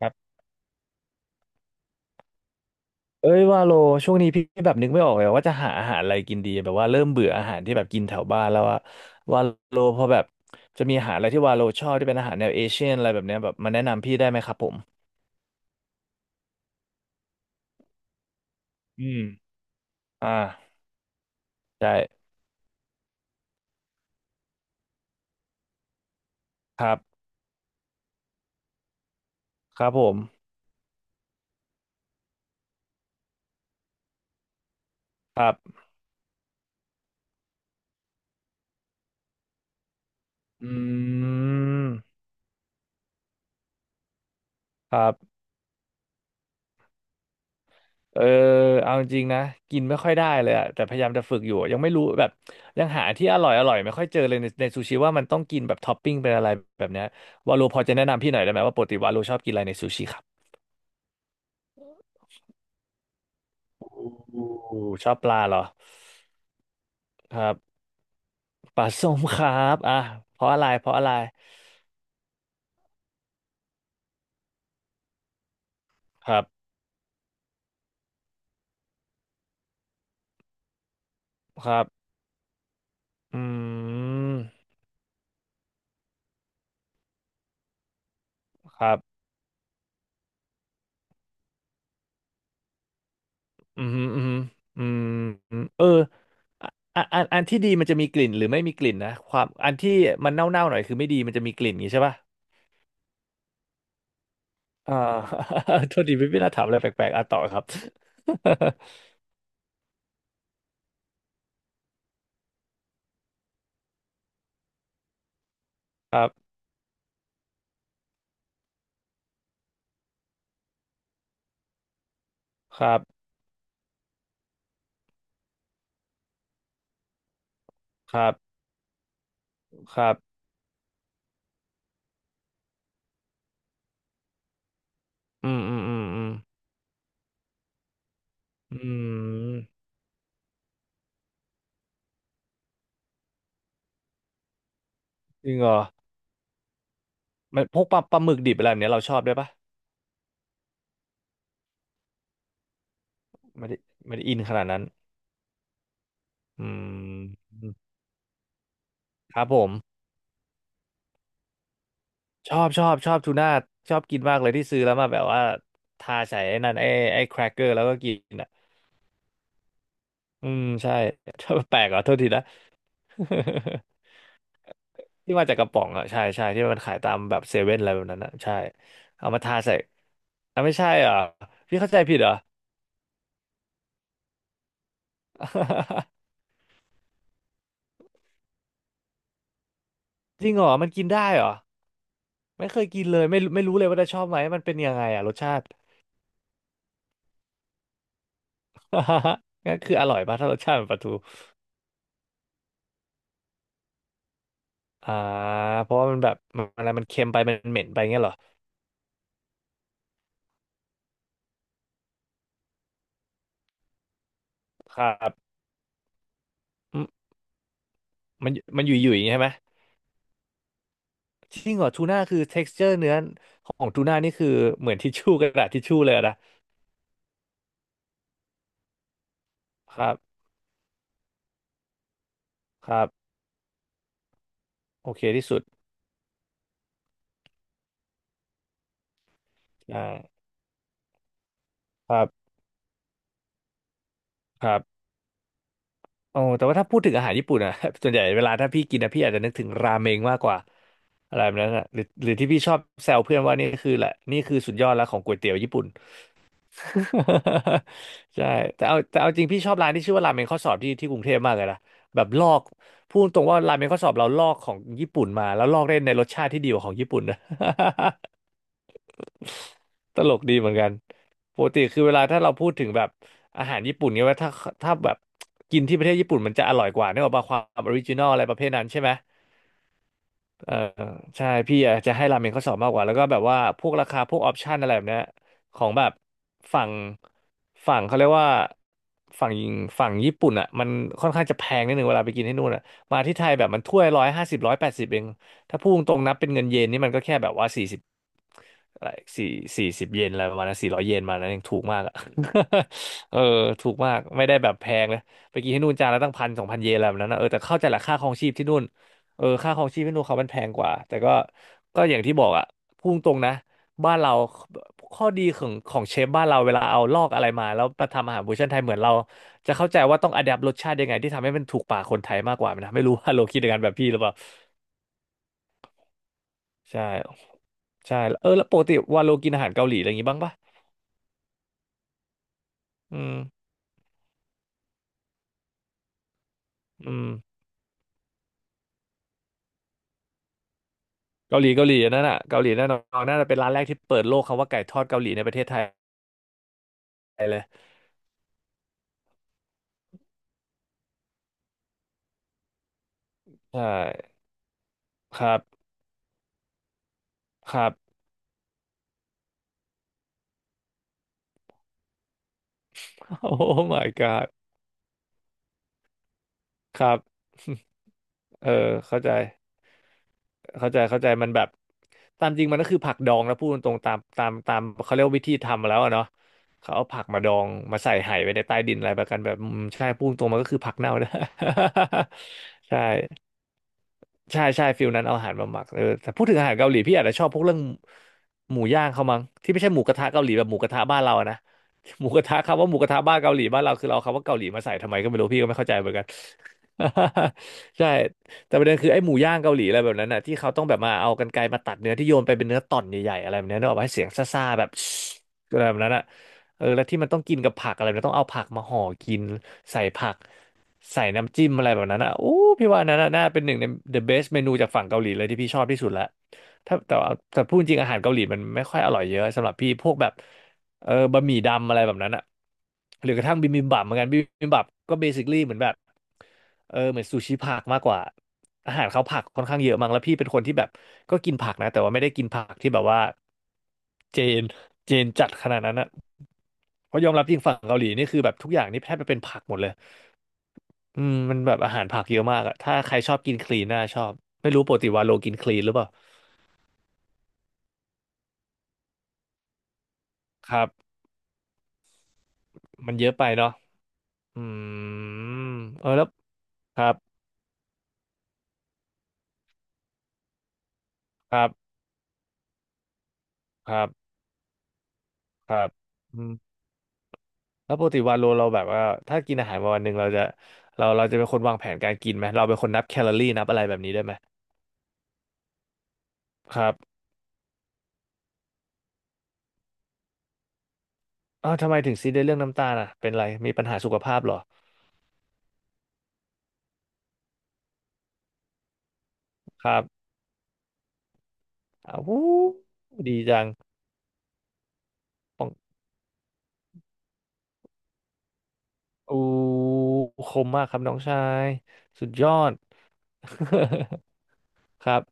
ครับเอ้ยว่าโลช่วงนี้พี่แบบนึกไม่ออกเลยว่าจะหาอาหารอะไรกินดีแบบว่าเริ่มเบื่ออาหารที่แบบกินแถวบ้านแล้วว่าโลพอแบบจะมีอาหารอะไรที่ว่าโลชอบที่เป็นอาหารแนวเอเชียนอะไรแบบเนี้ยแบบมาแนะนำพี่ได้ไหมครับผมอืมอ่าใช่ครับครับผมครับอืมครับ เออเอาจริงนะกินไม่ค่อยได้เลยอะแต่พยายามจะฝึกอยู่ยังไม่รู้แบบยังหาที่อร่อยอร่อยไม่ค่อยเจอเลยในซูชิว่ามันต้องกินแบบท็อปปิ้งเป็นอะไรแบบเนี้ยวาโลพอจะแนะนำพี่หน่อยได้ไหมว่าปกติวาโลชอบกินอะไรในซูชิครับโอ้ชอบปลาเหรอครับปลาส้มครับอ่ะเพราะอะไรเพราะอะไรครับครับอืมครับอืมอืมอืมอืมเอออะอันที่ดีมันจะมีกลิ่นหรือไม่มีกลิ่นนะความอันที่มันเน่าๆหน่อยคือไม่ดีมันจะมีกลิ่นอย่างงี้ใช่ป่ะ อ่า โทษดีไม่น่าถามอะไรแปลกๆอ่ะต่อครับ ครับครับครับครับอืมอืมอืมอืมอืมจริงเหรอมันพวกปลาหมึกดิบอะไรแบบเนี้ยเราชอบด้วยปะไม่ได้ไม่ได้อินขนาดนั้นอืมครับผมชอบชอบชอบทูน่าชอบกินมากเลยที่ซื้อแล้วมาแบบว่าทาใส่ไอ้นั่นไอ้แครกเกอร์แล้วก็กินอ่ะอืมใช่ ชอบแปลกเหรอโทษทีนะ ที่มาจากกระป๋องอ่ะใช่ใช่ที่มันขายตามแบบเซเว่นอะไรแบบนั้นอ่ะใช่เอามาทาใส่อ่ะไม่ใช่เหรอพี่เข้าใจผิดเหรอ จริงเหรอมันกินได้เหรอไม่เคยกินเลยไม่รู้เลยว่าจะชอบไหมมันเป็นยังไงอ่ะรสชาติ งั้นคืออร่อยป่ะถ้ารสชาติเหมือนปลาทูอ่าเพราะว่ามันแบบมันอะไรมันเค็มไปมันเหม็นไปเงี้ยเหรอครับอืมมันอยู่อย่างงี้ใช่ไหมจริงเหรอทูน่าคือ texture เนื้อของทูน่านี่คือเหมือนทิชชู่กระดาษทิชชู่เลยอะนะครับครับโอเคที่สุด ครับครับโอ้แต่ว่าถ้าพูดถึงอาหารญี่ปุ่นอะ ส่วนใหญ่เวลาถ้าพี่กินนะพี่อาจจะนึกถึงราเมงมากกว่าอะไรแบบนั้นอะหรือที่พี่ชอบแซวเพื่อนว่านี่คือแหละนี่คือสุดยอดแล้วของก๋วยเตี๋ยวญี่ปุ่น ใช่แต่เอาแต่เอาจริงพี่ชอบร้านที่ชื่อว่าราเมงข้อสอบที่กรุงเทพมากเลยนะแบบลอกพูดตรงว่าราเมงข้อสอบเราลอกของญี่ปุ่นมาแล้วลอกได้ในรสชาติที่ดีกว่าของญี่ปุ่นนะ ตลกดีเหมือนกันปกติคือเวลาถ้าเราพูดถึงแบบอาหารญี่ปุ่นเนี่ยว่าถ้าแบบกินที่ประเทศญี่ปุ่นมันจะอร่อยกว่านึกออกป่ะความออริจินอลอะไรประเภทนั้นใช่ไหม เออใช่พี่อาจจะให้ราเมงเขาสอบมากกว่าแล้วก็แบบว่าพวกราคาพวกออปชันอะไรแบบเนี้ยของแบบฝั่งฝั่งเขาเรียกว่าฝั่งฝั่งญี่ปุ่นอ่ะมันค่อนข้างจะแพงนิดนึงเวลาไปกินที่นู่นอ่ะมาที่ไทยแบบมันถ้วย150180เองถ้าพูดตรงๆนับเป็นเงินเยนนี่มันก็แค่แบบว่าสี่สิบอะไรสี่40 เยนอะไรประมาณนั้น400 เยนมานั้นยังถูกมากอ่ะ เออถูกมากไม่ได้แบบแพงเลยไปกินที่นู่นจานละตั้ง1,000 2,000 เยนอะไรแบบนั้นนะเออแต่เข้าใจแหละค่าครองชีพที่นู่น เออค่าครองชีพให้พวกเขามันแพงกว่าแต่ก็ก็อย่างที่บอกอะพูดตรงนะบ้านเราข้อดีของของเชฟบ้านเราเวลาเอาลอกอะไรมาแล้วมาทำอาหารเวอร์ชันไทยเหมือนเราจะเข้าใจว่าต้องอัดแอปรสชาติยังไงที่ทำให้มันถูกปากคนไทยมากกว่านะไม่รู้ว่า โลคิดอย่างนั้นแบบพี่หรือเปล่าใช่ใช่เออแล้วปกติว่าโลกินอาหารเกาหลีอะไรอย่างงี้บ้างปะอืมอืมเกาหลีเกาหลีอันนั่นน่ะเกาหลีแน่นอนน่าจะเป็นร้านแรกที่เปิดโลกคำว่าไก่ทอดเกาหลีในประเทศไทยใช่ครับครับ โอ้ my god ครับ เออเข้าใจเข้าใจมันแบบตามจริงมันก็คือผักดองนะพูดตรงๆตามเขาเรียกว่าวิธีทำมาแล้วอะเนาะเขาเอาผักมาดองมาใส่ไหไว้ในใต้ดินอะไรแบบกันแบบอืมใช่พูดตรงๆมันก็คือผักเน่านะ ใช่ ใช่ฟิลนั้นเอาอาหารมาหมักเออแต่พูดถึงอาหารเกาหลีพี่อาจจะชอบพวกเรื่องหมูย่างเขามั้งที่ไม่ใช่หมูกระทะเกาหลีแบบหมูกระทะบ้านเราอะนะ หมูกระทะคำว่าหมูกระทะบ้านเกาหลีบ้านเราคือเราเอาคำว่าเกาหลีมาใส่ทำไมก็ไม่รู้พี่ก็ไม่เข้าใจเหมือนกัน ใช่แต่ประเด็นคือไอ้หมูย่างเกาหลีอะไรแบบนั้นน่ะที่เขาต้องแบบมาเอากรรไกรมาตัดเนื้อที่โยนไปเป็นเนื้อต่อนใหญ่ๆอะไรแบบเนี้ยนึกออกไหมเสียงซ่าๆแบบ อะไรแบบนั้นอะ เออแล้วที่มันต้องกินกับผักอะไรมันต้องเอาผักมาห่อกินใส่ผักใส่น้ำจิ้มอะไรแบบนั้นอ่ะโอ้พี่ว่าอันนั้นน่ะน่าเป็นหนึ่งใน the best เมนูจากฝั่งเกาหลีเลยที่พี่ชอบที่สุดละถ้าแต่ว่าแต่พูดจริงอาหารเกาหลีมันไม่ค่อยอร่อยเยอะสำหรับพี่พวกแบบเออบะหมี่ดำอะไรแบบนั้นอ่ะหรือกระทั่งบิบิมบับเหมือนกันบิบิมบับก็เบสิค a ี y เหมือนแบบเออเหมือนซูชิผักมากกว่าอาหารเขาผักค่อนข้างเยอะมั้งแล้วพี่เป็นคนที่แบบก็กินผักนะแต่ว่าไม่ได้กินผักที่แบบว่าเจน จีนจัดขนาดนั้นอะเพราะยอมรับจริงฝั่งเกาหลีนี่คือแบบทุกอย่างนี่แทบจะเป็นผักหมดเลยอืมมันแบบอาหารผักเยอะมากอะถ้าใครชอบกินคลีนน่าชอบไม่รู้ปกติวาโลกินคลีนหรือเปล่าครับมันเยอะไปเนาะอืมเออแล้วครับครับครับครับอืมแล้วปกติวาโลเราแบบว่าถ้ากินอาหารมาวันหนึ่งเราจะเราจะเป็นคนวางแผนการกินไหมเราเป็นคนนับแคลอรี่นับอะไรแบบนี้ได้ไหมครับอ้าวทำไมถึงซีเรียสเรื่องน้ำตาลอ่ะเป็นไรมีปัญหาสุขภาพเหรอครับ อ้าววู้ดีจังปองอูคมมากครับน้องชายสุดยอด ครับ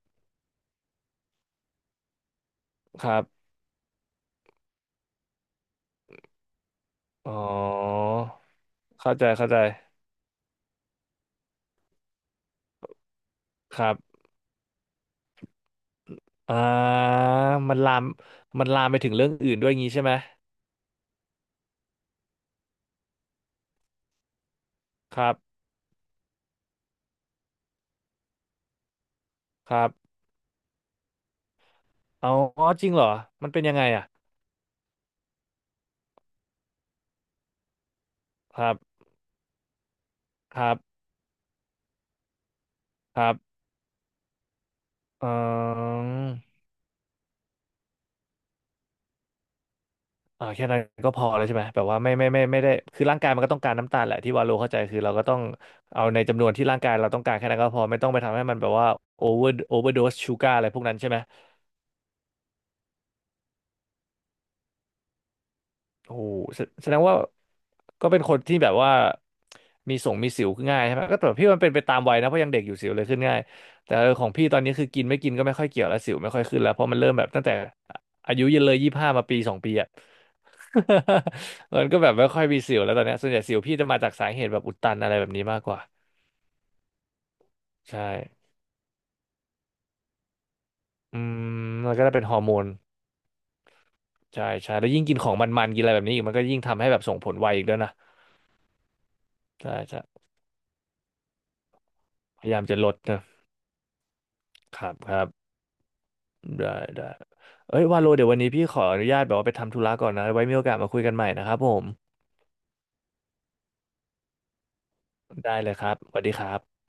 ครับอ๋อเข้าใจครับอ่ามันลามมันลามไปถึงเรื่องอื่นด้วยงี้ใช่ไหมครับครับเอาอ๋อจริงเหรอมันเป็นยังไงอ่ะครับครับครับอืม อ่าแค่นั้นก็พอแล้วใช่ไหมแบบว่าไม่ได้คือร่างกายมันก็ต้องการน้ำตาลแหละที่วาโลเข้าใจคือเราก็ต้องเอาในจำนวนที่ร่างกายเราต้องการแค่นั้นก็พอไม่ต้องไปทำให้มันแบบว่าโอเวอร์โอเวอร์โดสชูการ์อะไรพวกนั้นใช่ไหมโอ้โหแสแสดงว่าก็เป็นคนที่แบบว่ามีส่งมีสิวง่ายใช่ไหมก็แต่พี่มันเป็นไปตามวัยนะเพราะยังเด็กอยู่สิวเลยขึ้นง่ายแต่เออของพี่ตอนนี้คือกินไม่กินก็ไม่ค่อยเกี่ยวแล้วสิวไม่ค่อยขึ้นแล้วเพราะมันเริ่มแบบตั้งแต่อายุเยอะเลย25มาปี2 ปีอะ มันก็แบบไม่ค่อยมีสิวแล้วตอนเนี้ยส่วนใหญ่สิวพี่จะมาจากสาเหตุแบบอุดตันอะไรแบบนี้มากกว่าใช่อืมมันก็จะเป็นฮอร์โมนใช่ใช่แล้วยิ่งกินของมันๆกินอะไรแบบนี้อีกมันก็ยิ่งทำให้แบบส่งผลไวอีกด้วยนะใช่ใช่พยายามจะลดนะครับครับได้ได้เอ้ยวาโลเดี๋ยววันนี้พี่ขออนุญาตแบบว่าไปทำธุระก่อนนะไว้มีโอกาสมาคุยกันใหม่นะครับผมได้เลยครับสวัสดีครับ